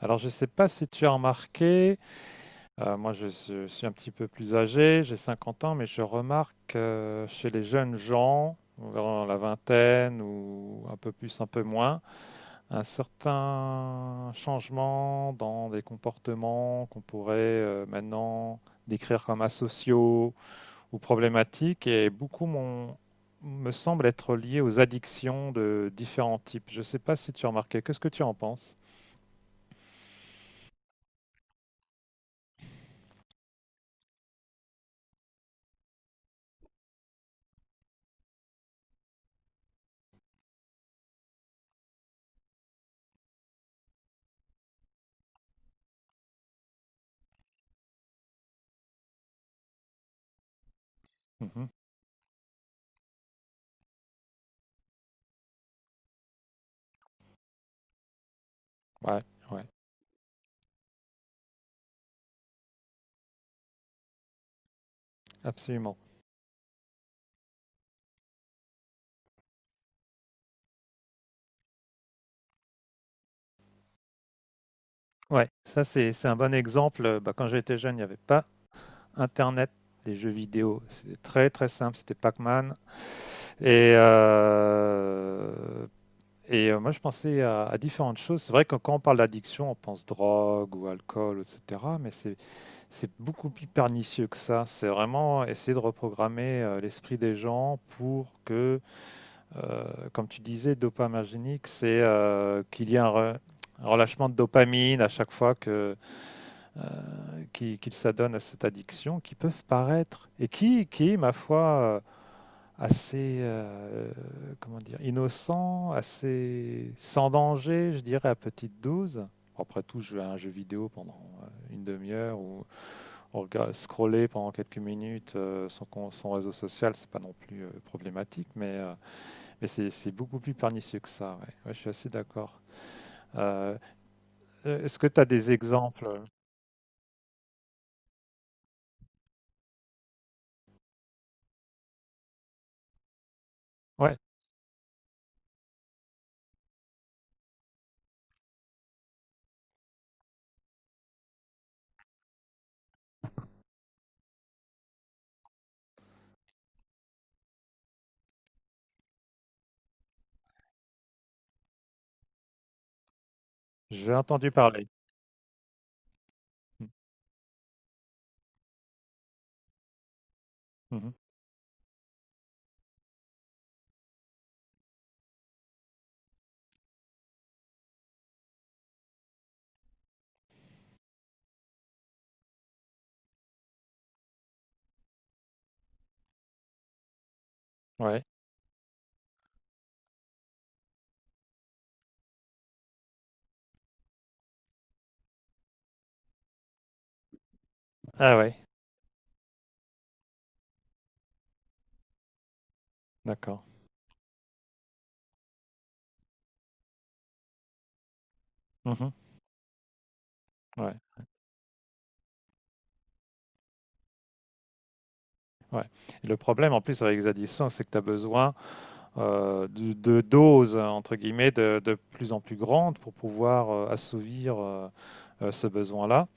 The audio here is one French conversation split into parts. Alors, je ne sais pas si tu as remarqué, moi je, suis un petit peu plus âgé, j'ai 50 ans, mais je remarque chez les jeunes gens, vers la vingtaine ou un peu plus, un peu moins, un certain changement dans des comportements qu'on pourrait maintenant décrire comme asociaux ou problématiques et me semble être lié aux addictions de différents types. Je ne sais pas si tu as remarqué, qu'est-ce que tu en penses? Mhm. Ouais, ouais, absolument. Ouais, ça c'est un bon exemple. Bah, quand j'étais jeune, il y avait pas internet, les jeux vidéo, c'était très, très simple, c'était Pac-Man et heu et moi je pensais à différentes choses. C'est vrai que quand on parle d'addiction, on pense drogue ou alcool et cetera, mais c'est beaucoup plus pernicieux que ça. C'est vraiment essayer de reprogrammer, l'esprit des gens pour que, comme tu disais, dopaminergique, c'est, qu'il y ait un relâchement de dopamine à chaque fois que qui s'adonnent à cette addiction, qui peuvent paraître, et qui ma foi, assez, comment dire, innocent, assez sans danger, je dirais, à petite dose. Après tout, jouer à un jeu vidéo pendant une demi-heure ou scroller pendant quelques minutes son, réseau social, c'est pas non plus problématique, mais c'est beaucoup plus pernicieux que ça. Ouais. Ouais, je suis assez d'accord. Euh, Est-ce que tu as des exemples? Ouais. J'ai entendu parler. Mmh. Mmh. Ouais. Ah ouais, d'accord. Mmh. Ouais, ouais. Et le problème en plus avec les addictions, c'est que tu as besoin, de «doses» entre guillemets de plus en plus grandes pour pouvoir, assouvir, ce besoin-là.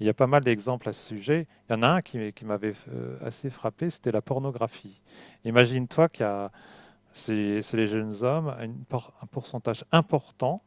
Il y a pas mal d'exemples à ce sujet. Il y en a un qui m'avait f assez frappé, c'était la pornographie. Imagine-toi qu'il y a c'est les jeunes hommes, une por un pourcentage important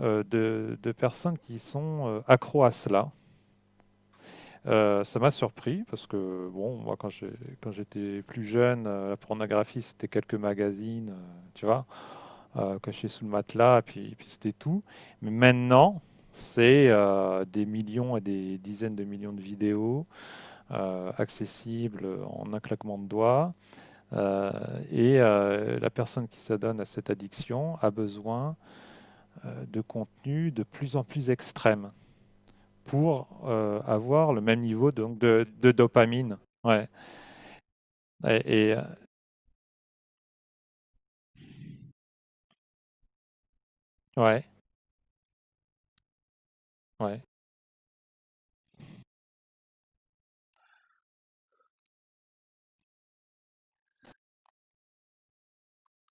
de personnes qui sont accros à cela. Ça m'a surpris parce que, bon, moi, quand j'étais plus jeune, la pornographie, c'était quelques magazines, tu vois, cachés sous le matelas, puis c'était tout. Mais maintenant, c'est des millions et des dizaines de millions de vidéos accessibles en un claquement de doigts. Euh, et la personne qui s'adonne à cette addiction a besoin de contenu de plus en plus extrême, pour avoir le même niveau donc, de dopamine. Ouais. Et, et, euh, ouais, ouais.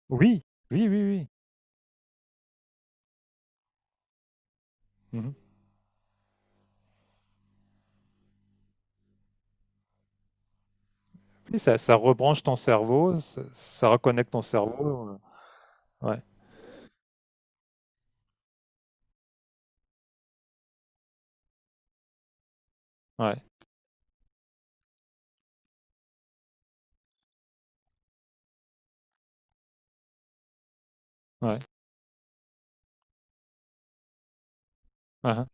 Oui, oui, oui, oui. Mhm. Oui, ça rebranche ton cerveau, ça reconnecte ton cerveau. Ouais, ouais, ouais. Uhum,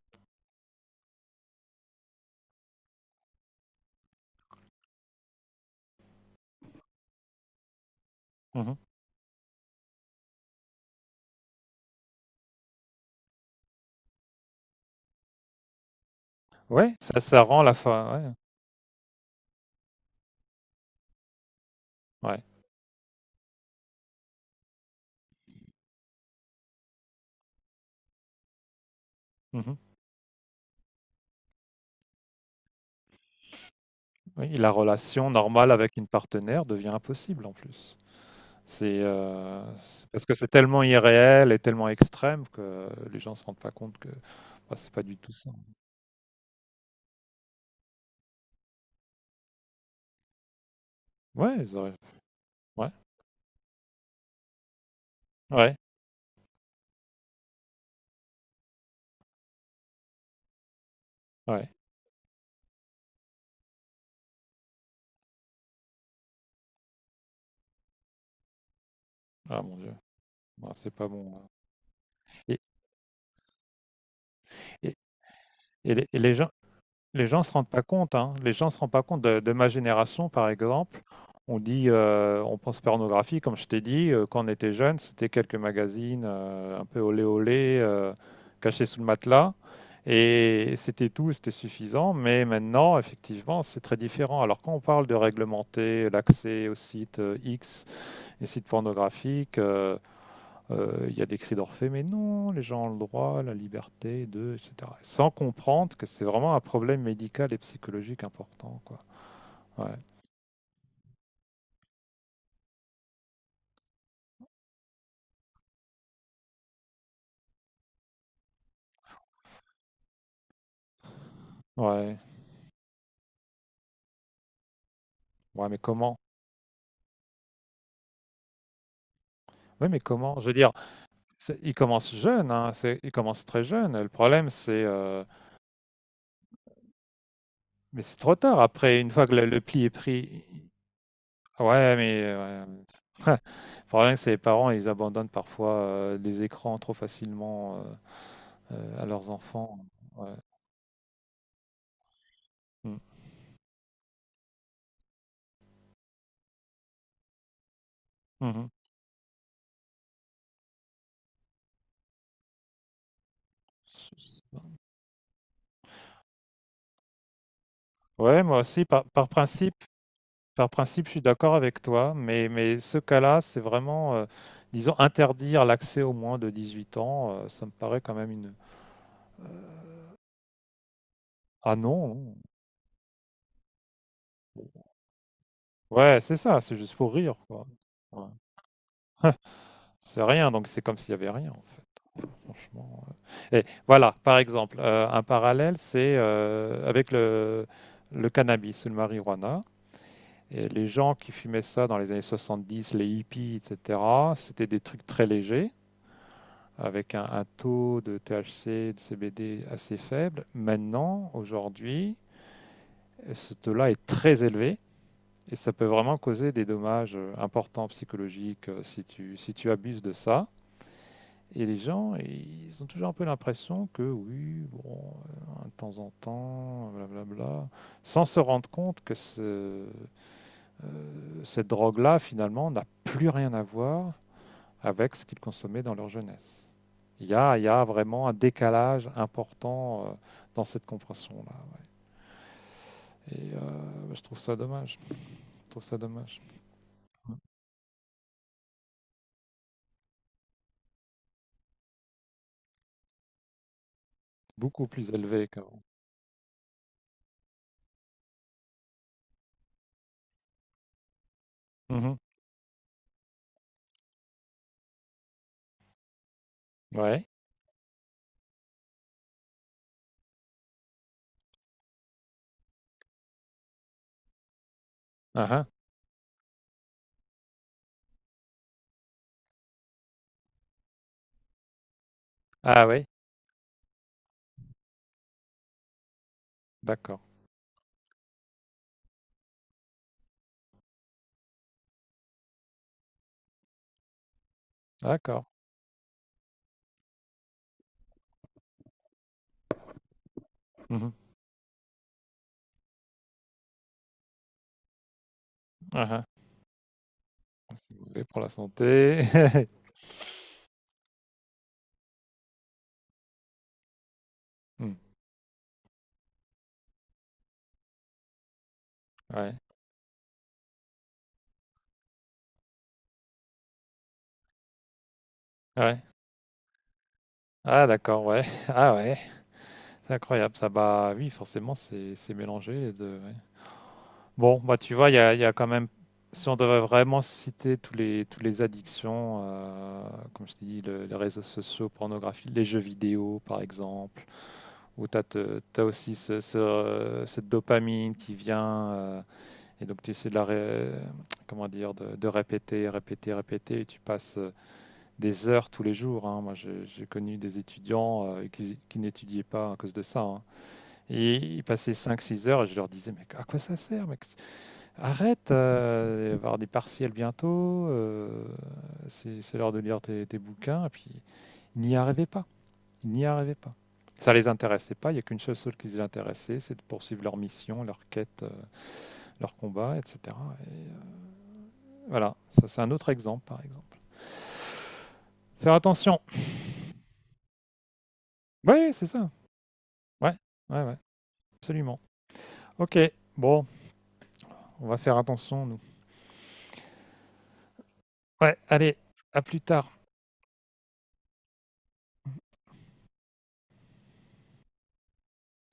mhm. Ouais, ça rend la fin. Ouais, ouais. Mhm. Oui, la relation normale avec une partenaire devient impossible en plus. C'est euh, c'est parce que c'est tellement irréel et tellement extrême que les gens se rendent pas compte que bah, c'est pas du tout ça. Ouais, ouais, ouais. Ouais. Ah mon Dieu. Ah, c'est pas bon, hein. Et et et les gens se rendent pas compte, hein. Les gens se rendent pas compte de ma génération, par exemple. On dit, on pense pornographie, comme je t'ai dit, quand on était jeune, c'était quelques magazines, un peu olé olé, cachés sous le matelas et c'était tout, c'était suffisant. Mais maintenant, effectivement, c'est très différent. Alors quand on parle de réglementer l'accès aux sites, X, les sites pornographiques. Il y a des cris d'Orphée, mais non, les gens ont le droit, la liberté de, etc. Sans comprendre que c'est vraiment un problème médical et psychologique important, quoi. Ouais, ouais, ouais, mais comment? Oui, mais comment? Je veux dire, ils commencent jeunes, hein, ils commencent très jeunes. Le problème, mais c'est trop tard. Après, une fois que le pli est pris, ouais, mais ouais. Le problème, c'est les parents, ils abandonnent parfois les écrans trop facilement à leurs enfants. Ouais. Mm. Mhm. Ouais, moi aussi, par principe, je suis d'accord avec toi, mais ce cas-là, c'est vraiment, disons, interdire l'accès aux moins de 18 ans, ça me paraît quand même une. Ah non, ouais, c'est ça, c'est juste pour rire, quoi. Ouais. C'est rien, donc c'est comme s'il y avait rien, enfin, franchement. Ouais. Et voilà, par exemple, un parallèle, c'est avec le cannabis, le marijuana. Et les gens qui fumaient ça dans les années 70, les hippies, etc., c'était des trucs très légers, avec un taux de THC, de CBD assez faible. Maintenant, aujourd'hui, ce taux-là est très élevé et ça peut vraiment causer des dommages importants psychologiques si tu abuses de ça. Et les gens, ils ont toujours un peu l'impression que oui, bon, de temps en temps, blablabla, sans se rendre compte que cette drogue-là, finalement, n'a plus rien à voir avec ce qu'ils consommaient dans leur jeunesse. Il y a vraiment un décalage important dans cette compréhension-là. Ouais. Et bah, je trouve ça dommage. Je trouve ça dommage. Beaucoup plus élevé qu'avant. Mhm. Ouais. Ah ah. Ah oui. D'accord. D'accord. Mhm. Ah ah. C'est mauvais pour la santé. Hmm. Ouais. Ouais. Ah d'accord. Ouais. Ah ouais. C'est incroyable. Ça bah oui, forcément, c'est mélangé les deux. Ouais. Bon, bah tu vois, il y a quand même, si on devait vraiment citer tous les addictions, comme je t'ai dit, les réseaux sociaux, pornographie, les jeux vidéo par exemple, où tu as aussi cette dopamine qui vient, et donc tu essaies comment dire, de répéter, répéter, répéter, et tu passes des heures tous les jours, hein. Moi, j'ai connu des étudiants qui n'étudiaient pas à cause de ça, hein. Et ils passaient 5, 6 heures et je leur disais, mais à quoi ça sert, mec? Arrête, il va y avoir des partiels bientôt, c'est l'heure de lire tes bouquins, et puis ils n'y arrivaient pas, ils n'y arrivaient pas. Ça les intéressait pas, il n'y a qu'une seule chose qui les intéressait, c'est de poursuivre leur mission, leur quête, leur combat, etc. Et, voilà, ça c'est un autre exemple, par exemple. Faire attention. Oui, c'est ça. Ouais, ouais, ouais, absolument. Ok, bon, on va faire attention, nous. Ouais, allez, à plus tard.